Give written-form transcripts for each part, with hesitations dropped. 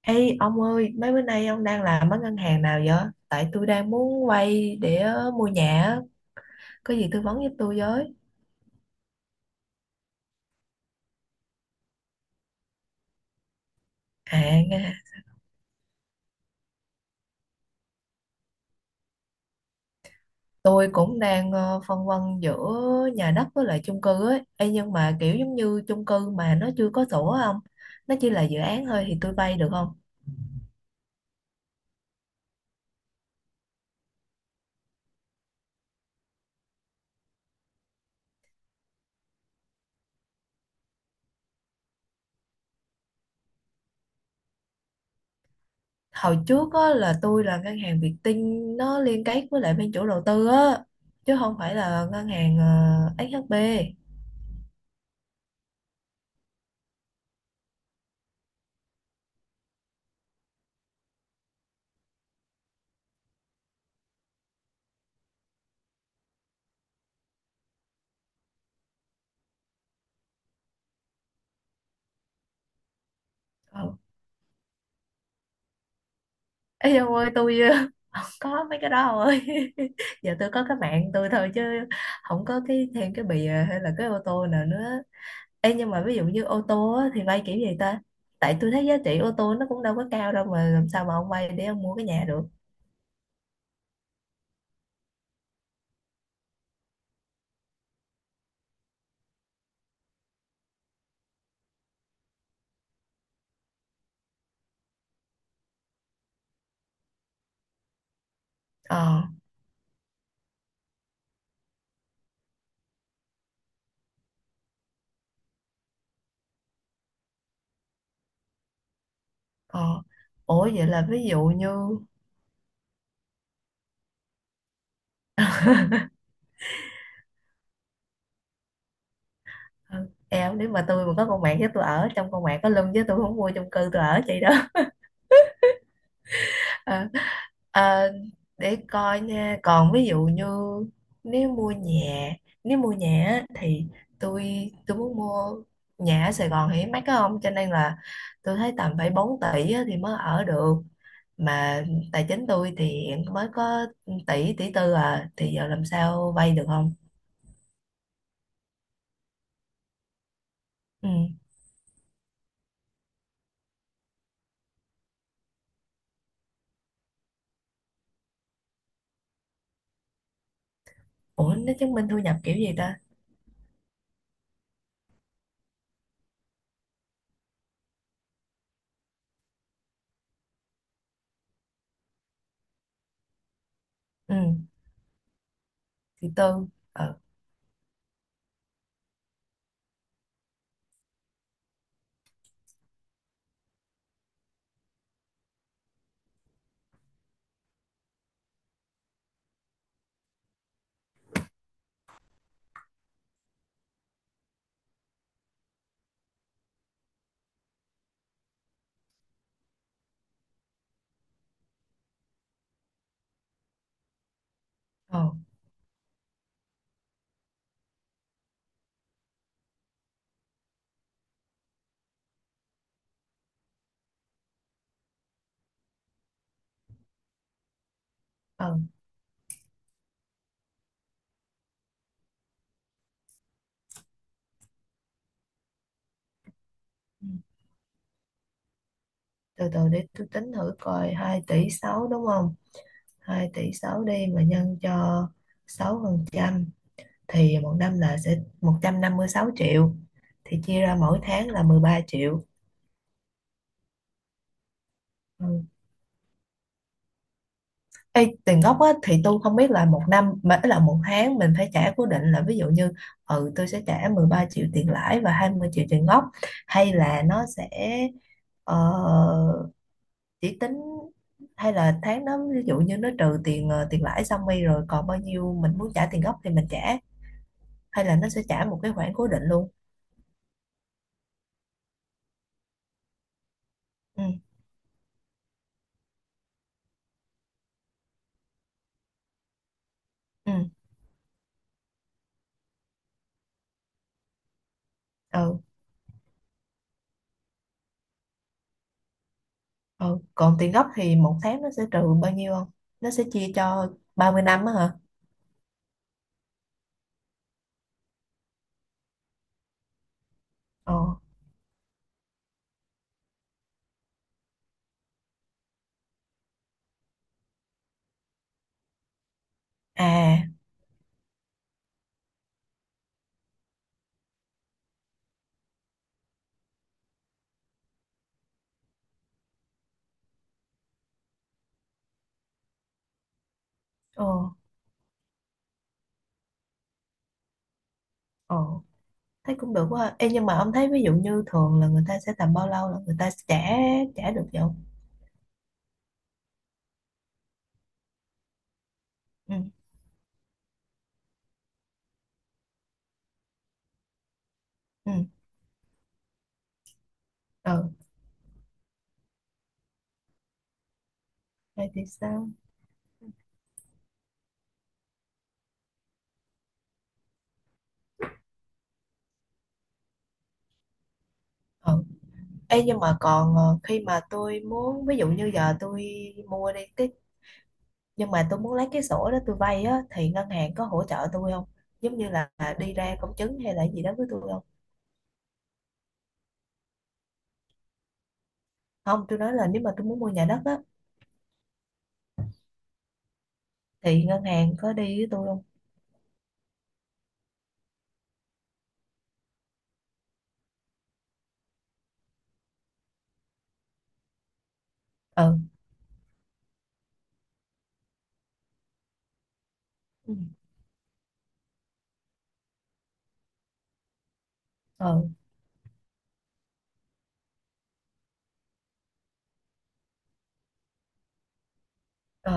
Ê ông ơi, mấy bữa nay ông đang làm ở ngân hàng nào vậy? Tại tôi đang muốn vay để mua nhà, á. Có gì tư vấn giúp tôi với. À, nghe. Tôi cũng đang phân vân giữa nhà đất với lại chung cư ấy. Ê, nhưng mà kiểu giống như chung cư mà nó chưa có sổ á, không? Nó chỉ là dự án thôi thì tôi vay được không? Hồi trước á, là tôi là ngân hàng Vietinbank nó liên kết với lại bên chủ đầu tư á, chứ không phải là ngân hàng SHB. Ừ. Ê ông ơi, tôi có mấy cái đó không ơi giờ tôi có cái mạng tôi thôi chứ không có cái thêm cái bìa hay là cái ô tô nào nữa. Ê, nhưng mà ví dụ như ô tô á, thì vay kiểu gì ta? Tại tôi thấy giá trị ô tô nó cũng đâu có cao đâu mà làm sao mà ông vay để ông mua cái nhà được. Ờ. Ờ. Ủa vậy là ví dụ như ờ, eo nếu mà tôi mà có con mạng với tôi ở trong con mạng có lưng với tôi không mua chung cư tôi ở chị đó. Ờ. Ờ. Để coi nha, còn ví dụ như nếu mua nhà nếu mua nhà á, thì tôi muốn mua nhà ở Sài Gòn thì mắc á, không, cho nên là tôi thấy tầm phải 4 tỷ á thì mới ở được, mà tài chính tôi thì hiện mới có tỷ tỷ tư à, thì giờ làm sao vay được không. Ừ. Ủa nó chứng minh thu nhập kiểu gì ta? Ừ. Tỷ tư. Ờ. Ờ. Ờ. Ừ. Từ từ để tôi tính thử coi 2,6 tỷ đúng không. Hai tỷ 6 đi mà nhân cho 6% thì một năm là sẽ 156 triệu, thì chia ra mỗi tháng là 13 triệu. Ừ. Ê, tiền gốc á, thì tôi không biết là một năm mà là một tháng mình phải trả cố định là ví dụ như ừ tôi sẽ trả 13 triệu tiền lãi và 20 triệu tiền gốc, hay là nó sẽ ờ, chỉ tính, hay là tháng đó ví dụ như nó trừ tiền tiền lãi xong đi rồi còn bao nhiêu mình muốn trả tiền gốc thì mình trả, hay là nó sẽ trả một cái khoản cố định luôn. Ừ. Ừ. Ừ. Ừ còn tiền gốc thì một tháng nó sẽ trừ bao nhiêu không, nó sẽ chia cho 30 năm á hả? Ờ. À. Ờ. Ờ. Thấy cũng được quá. Ê, nhưng mà ông thấy ví dụ như thường là người ta sẽ tầm bao lâu là người ta sẽ trả, trả được vậy không? Ừ. Ừ. Ừ. Vậy thì sao? Ừ. Ê, nhưng mà còn khi mà tôi muốn ví dụ như giờ tôi mua đi cái nhưng mà tôi muốn lấy cái sổ đó tôi vay á thì ngân hàng có hỗ trợ tôi không, giống như là đi ra công chứng hay là gì đó với tôi không? Không, tôi nói là nếu mà tôi muốn mua nhà đất á thì ngân hàng có đi với tôi không? Ừ. Ừ. Ừ. Ờ.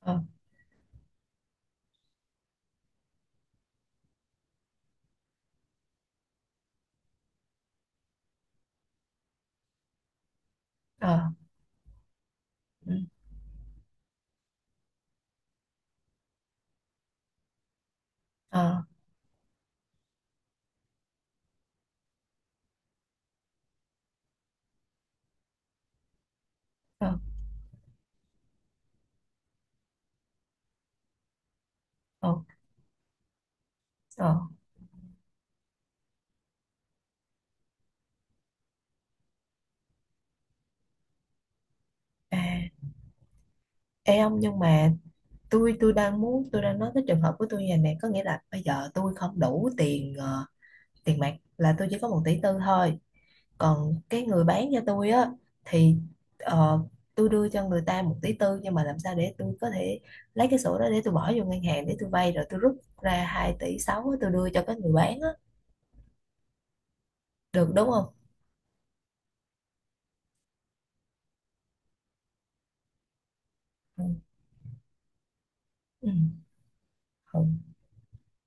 Ờ. Ờ. Ừ. Ờ. Ờ. Ờ. Ờ. À. Ê ông nhưng mà tôi đang nói cái trường hợp của tôi như này nè, có nghĩa là bây giờ tôi không đủ tiền tiền mặt là tôi chỉ có 1,4 tỷ thôi, còn cái người bán cho tôi á thì ờ, tôi đưa cho người ta 1,4 tỷ nhưng mà làm sao để tôi có thể lấy cái sổ đó để tôi bỏ vô ngân hàng để tôi vay rồi tôi rút ra 2,6 tỷ á, tôi đưa cho cái người bán á, được đúng không? Ừ. Ừ. Ừ.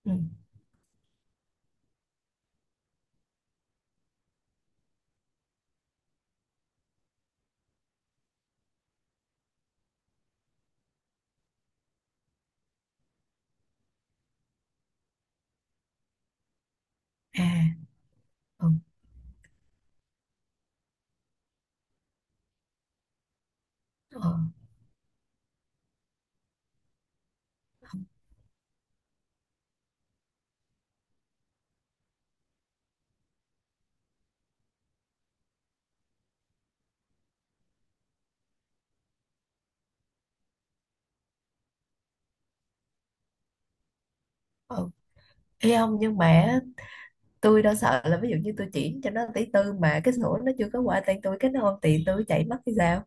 Ừ. À. Ừ. Ừ. Ừ. Ê ông nhưng mà á, tôi đã sợ là ví dụ như tôi chuyển cho nó tỷ tư mà cái sổ nó chưa có qua tên tôi cái nó không tiền tôi chạy mất thì sao?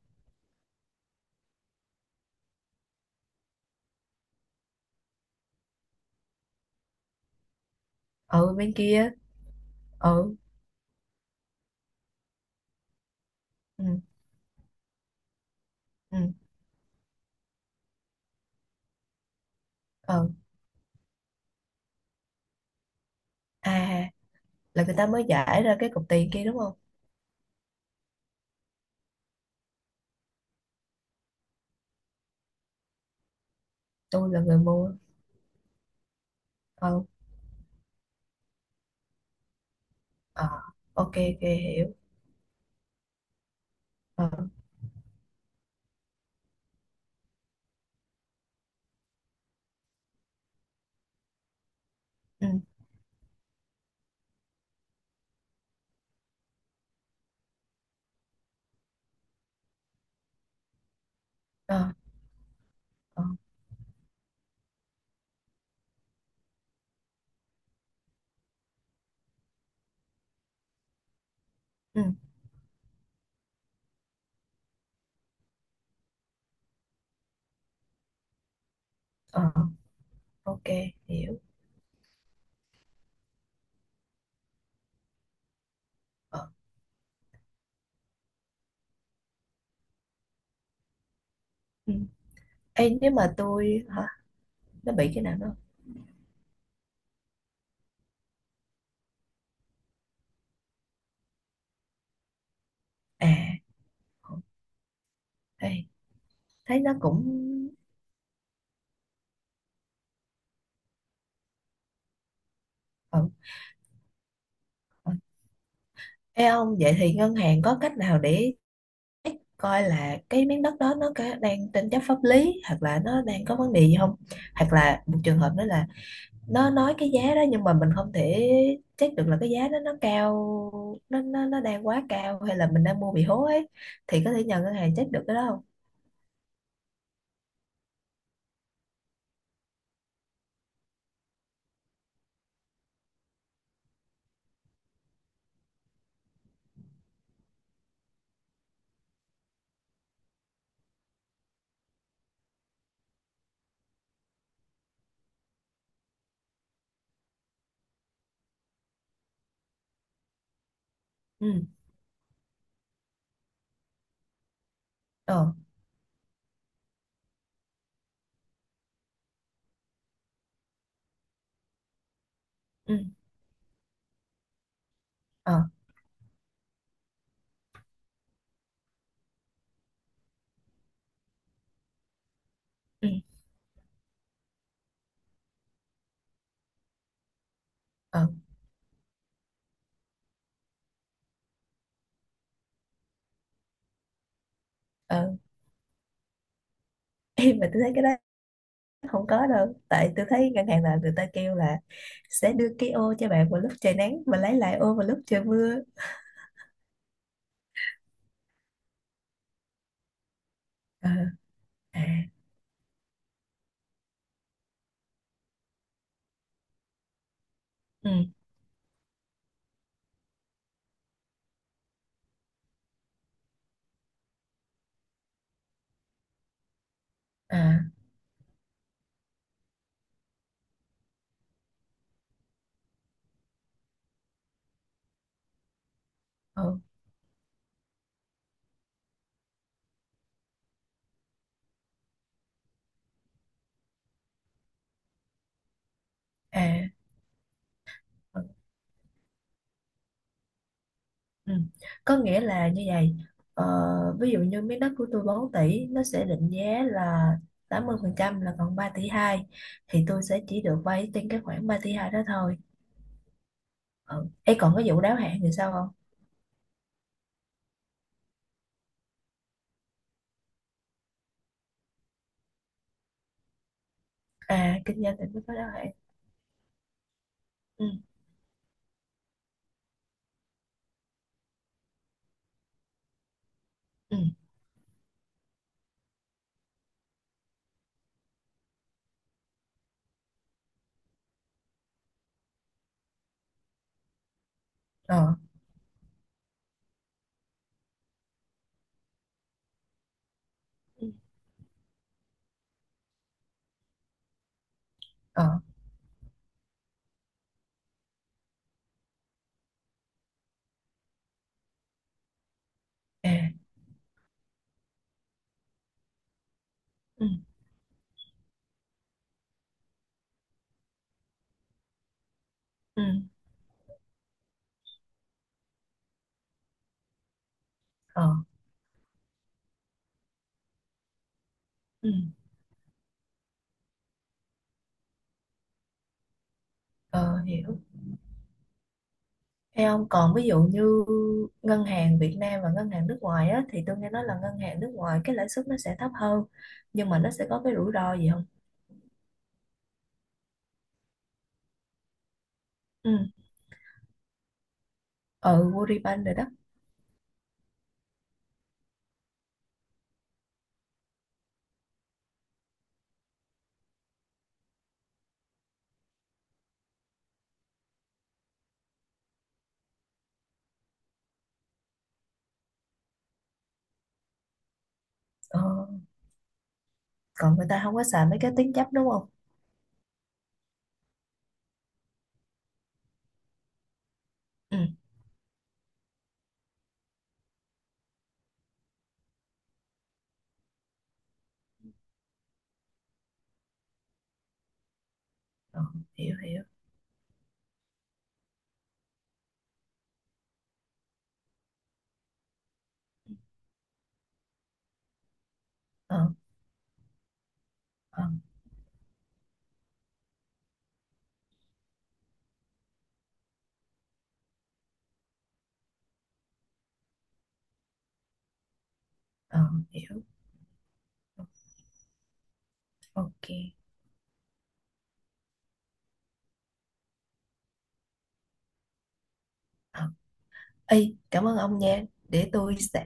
Ừ bên kia. Ừ. Ừ. Ừ. Ừ. À là người ta mới giải ra cái cục tiền kia đúng không? Tôi là người mua. Ừ. Ờ. Ok, ok, hiểu. Ờ. Ừ. Ờ. Ờ. Ừ. Ờ. Ok hiểu. Ờ. Ừ. Ê, nếu mà tôi hả? Nó bị cái nào đó. À. Ừ. Ê, thấy nó cũng... Ừ. Ừ. Ê ông vậy thì ngân hàng có cách nào để check coi là cái miếng đất đó nó có đang tranh chấp pháp lý hoặc là nó đang có vấn đề gì không, hoặc là một trường hợp nữa là nó nói cái giá đó nhưng mà mình không thể check được là cái giá đó nó cao nó đang quá cao hay là mình đang mua bị hố ấy, thì có thể nhờ ngân hàng check được cái đó không? Ừ. Ờ. Ừ. Ờ. Ừ. Ờ. Ờ. Em mà tôi thấy cái đó không có đâu, tại tôi thấy ngân hàng là người ta kêu là sẽ đưa cái ô cho bạn vào lúc trời nắng và lấy lại ô vào lúc trời mưa. Ờ. À. Ừ. À. Ừ. À. Ừ. Có nghĩa là như vậy, ờ, ví dụ như miếng đất của tôi 4 tỷ nó sẽ định giá là 80% là còn 3,2 tỷ, thì tôi sẽ chỉ được vay trên cái khoản 3,2 tỷ đó thôi. Ừ. Ê, còn cái vụ đáo hạn thì sao không? À kinh doanh thì mới có đáo hạn. Ừ. Ừ. Ờ. Ừ. Ờ. À. Ừ. Ừ. Ờ. Ừ. Ờ hiểu. Ê ông còn ví dụ như ngân hàng Việt Nam và ngân hàng nước ngoài á, thì tôi nghe nói là ngân hàng nước ngoài cái lãi suất nó sẽ thấp hơn, nhưng mà nó sẽ có cái rủi ro gì? Ừ. Ừ Woriban rồi đó. Ờ. Còn người ta không có xài mấy cái tiếng chấp đúng không? Ừ. Ờ, hiểu hiểu. Ờ. Ờ. Ờ hiểu. Ok. Ờ. Ê, cảm ơn ông nha, để tôi sẽ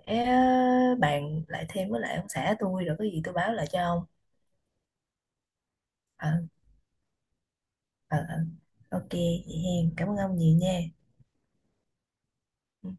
bàn lại thêm với lại ông xã tôi rồi có gì tôi báo lại cho ông. Ờ. Ờ. Ờ. Ok vậy hen, cảm ơn ông nhiều nha. Ừ.